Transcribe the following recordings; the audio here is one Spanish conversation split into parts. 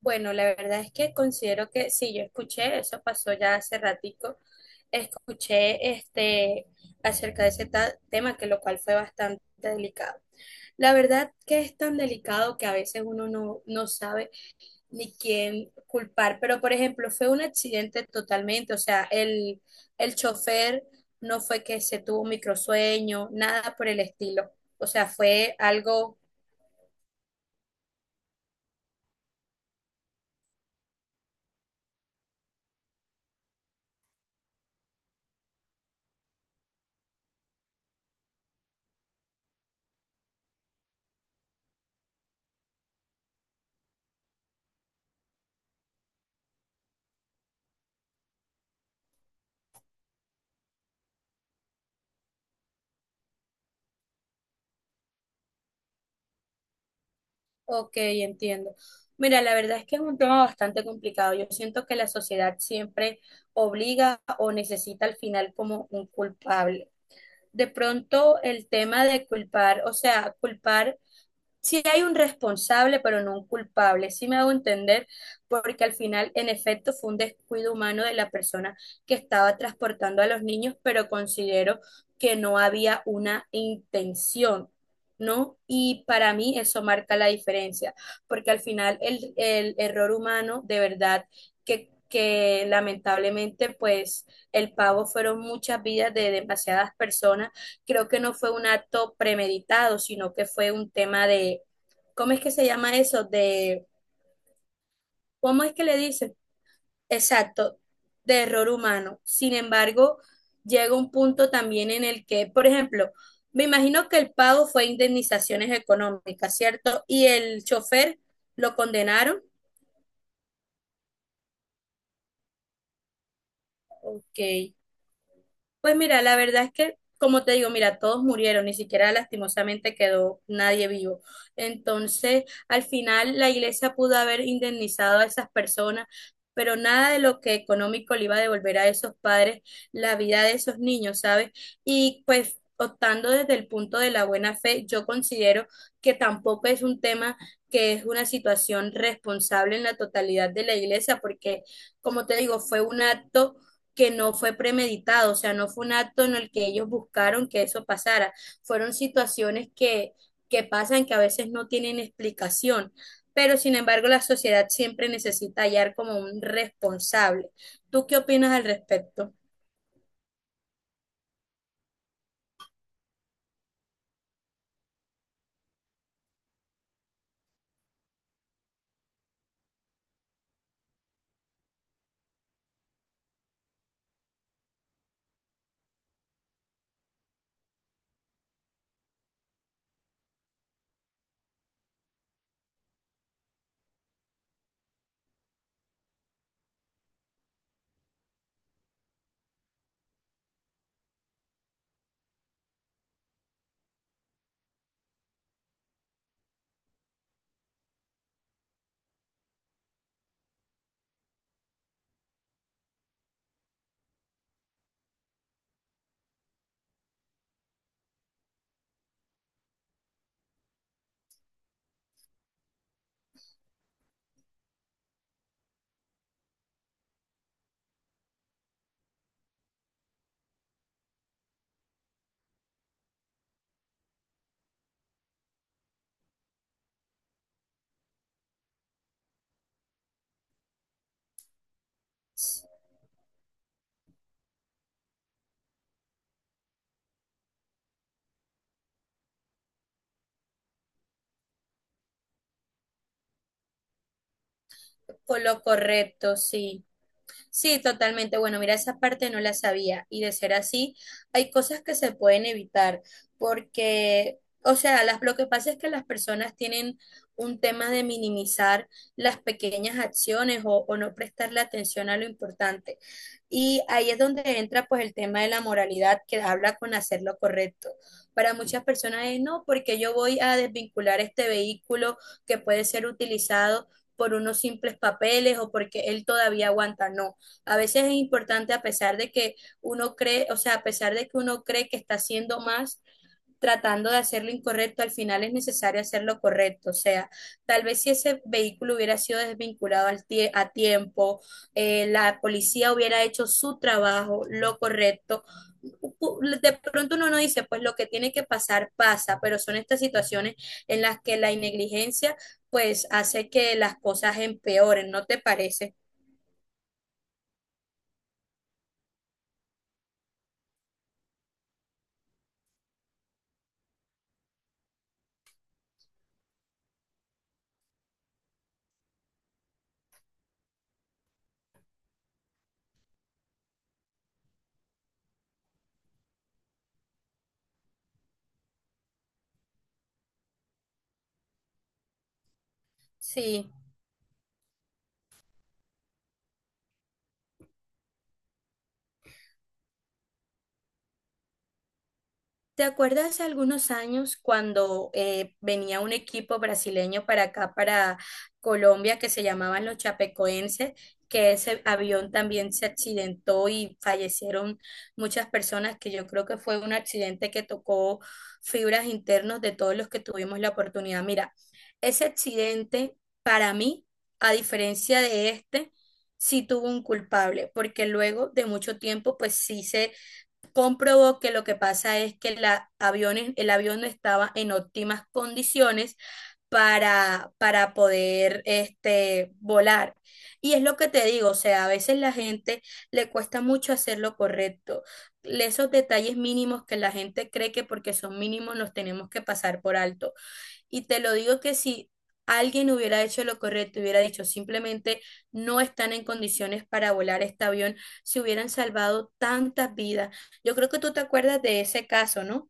Bueno, la verdad es que considero que sí. Yo escuché, eso pasó ya hace ratico, escuché acerca de ese tema, que lo cual fue bastante delicado. La verdad que es tan delicado que a veces uno no sabe ni quién culpar, pero por ejemplo, fue un accidente totalmente, o sea, el chofer no fue que se tuvo un microsueño, nada por el estilo, o sea, fue algo. Ok, entiendo. Mira, la verdad es que es un tema bastante complicado. Yo siento que la sociedad siempre obliga o necesita al final como un culpable. De pronto el tema de culpar, o sea, culpar si hay un responsable, pero no un culpable, si me hago entender, porque al final, en efecto, fue un descuido humano de la persona que estaba transportando a los niños, pero considero que no había una intención, ¿no? Y para mí eso marca la diferencia, porque al final el error humano, de verdad, que lamentablemente, pues, el pago fueron muchas vidas de demasiadas personas. Creo que no fue un acto premeditado, sino que fue un tema de, ¿cómo es que se llama eso? De, ¿cómo es que le dicen? Exacto, de error humano. Sin embargo, llega un punto también en el que, por ejemplo, me imagino que el pago fue indemnizaciones económicas, ¿cierto? Y el chofer lo condenaron. Ok. Pues mira, la verdad es que, como te digo, mira, todos murieron, ni siquiera lastimosamente quedó nadie vivo. Entonces, al final, la iglesia pudo haber indemnizado a esas personas, pero nada de lo que económico le iba a devolver a esos padres la vida de esos niños, ¿sabes? Y pues, optando desde el punto de la buena fe, yo considero que tampoco es un tema, que es una situación responsable en la totalidad de la iglesia, porque, como te digo, fue un acto que no fue premeditado, o sea, no fue un acto en el que ellos buscaron que eso pasara, fueron situaciones que pasan que a veces no tienen explicación, pero sin embargo la sociedad siempre necesita hallar como un responsable. ¿Tú qué opinas al respecto? Con lo correcto, sí. Sí, totalmente. Bueno, mira, esa parte no la sabía. Y de ser así, hay cosas que se pueden evitar, porque, o sea, las, lo que pasa es que las personas tienen un tema de minimizar las pequeñas acciones o no prestarle atención a lo importante. Y ahí es donde entra pues el tema de la moralidad que habla con hacer lo correcto. Para muchas personas es no, porque yo voy a desvincular este vehículo que puede ser utilizado por unos simples papeles o porque él todavía aguanta. No. A veces es importante, a pesar de que uno cree, o sea, a pesar de que uno cree que está haciendo más, tratando de hacer lo incorrecto, al final es necesario hacer lo correcto. O sea, tal vez si ese vehículo hubiera sido desvinculado a tiempo, la policía hubiera hecho su trabajo, lo correcto. De pronto uno no dice, pues lo que tiene que pasar pasa, pero son estas situaciones en las que la negligencia pues hace que las cosas empeoren, ¿no te parece? Sí. ¿Te acuerdas hace algunos años cuando venía un equipo brasileño para acá, para Colombia, que se llamaban los Chapecoenses, que ese avión también se accidentó y fallecieron muchas personas, que yo creo que fue un accidente que tocó fibras internas de todos los que tuvimos la oportunidad? Mira, ese accidente, para mí, a diferencia de este, sí tuvo un culpable, porque luego de mucho tiempo, pues sí se comprobó que lo que pasa es que la aviones, el avión no estaba en óptimas condiciones para poder volar. Y es lo que te digo, o sea, a veces la gente le cuesta mucho hacer lo correcto. Esos detalles mínimos que la gente cree que porque son mínimos los tenemos que pasar por alto. Y te lo digo que si alguien hubiera hecho lo correcto, hubiera dicho simplemente no están en condiciones para volar este avión, se hubieran salvado tantas vidas. Yo creo que tú te acuerdas de ese caso, ¿no?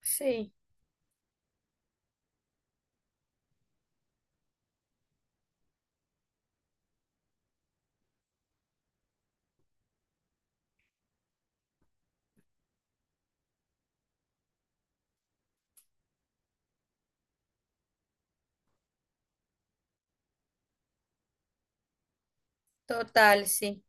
Sí. Total, sí.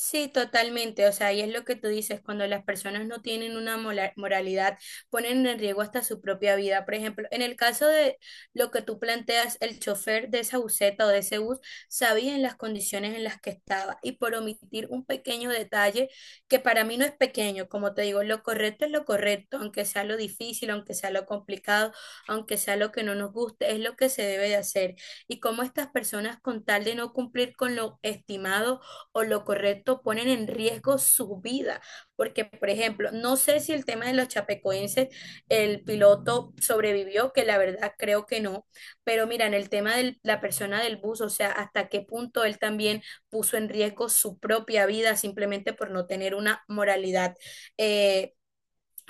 Sí, totalmente. O sea, y es lo que tú dices, cuando las personas no tienen una moralidad, ponen en riesgo hasta su propia vida. Por ejemplo, en el caso de lo que tú planteas, el chofer de esa buseta o de ese bus sabía en las condiciones en las que estaba y por omitir un pequeño detalle que para mí no es pequeño, como te digo, lo correcto es lo correcto, aunque sea lo difícil, aunque sea lo complicado, aunque sea lo que no nos guste, es lo que se debe de hacer. Y como estas personas con tal de no cumplir con lo estimado, o lo correcto ponen en riesgo su vida. Porque, por ejemplo, no sé si el tema de los chapecoenses, el piloto sobrevivió, que la verdad creo que no, pero mira, en el tema de la persona del bus, o sea, hasta qué punto él también puso en riesgo su propia vida simplemente por no tener una moralidad eh,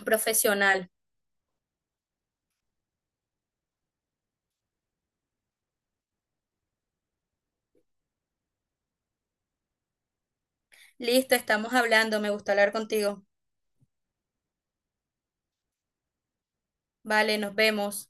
profesional. Listo, estamos hablando, me gusta hablar contigo. Vale, nos vemos.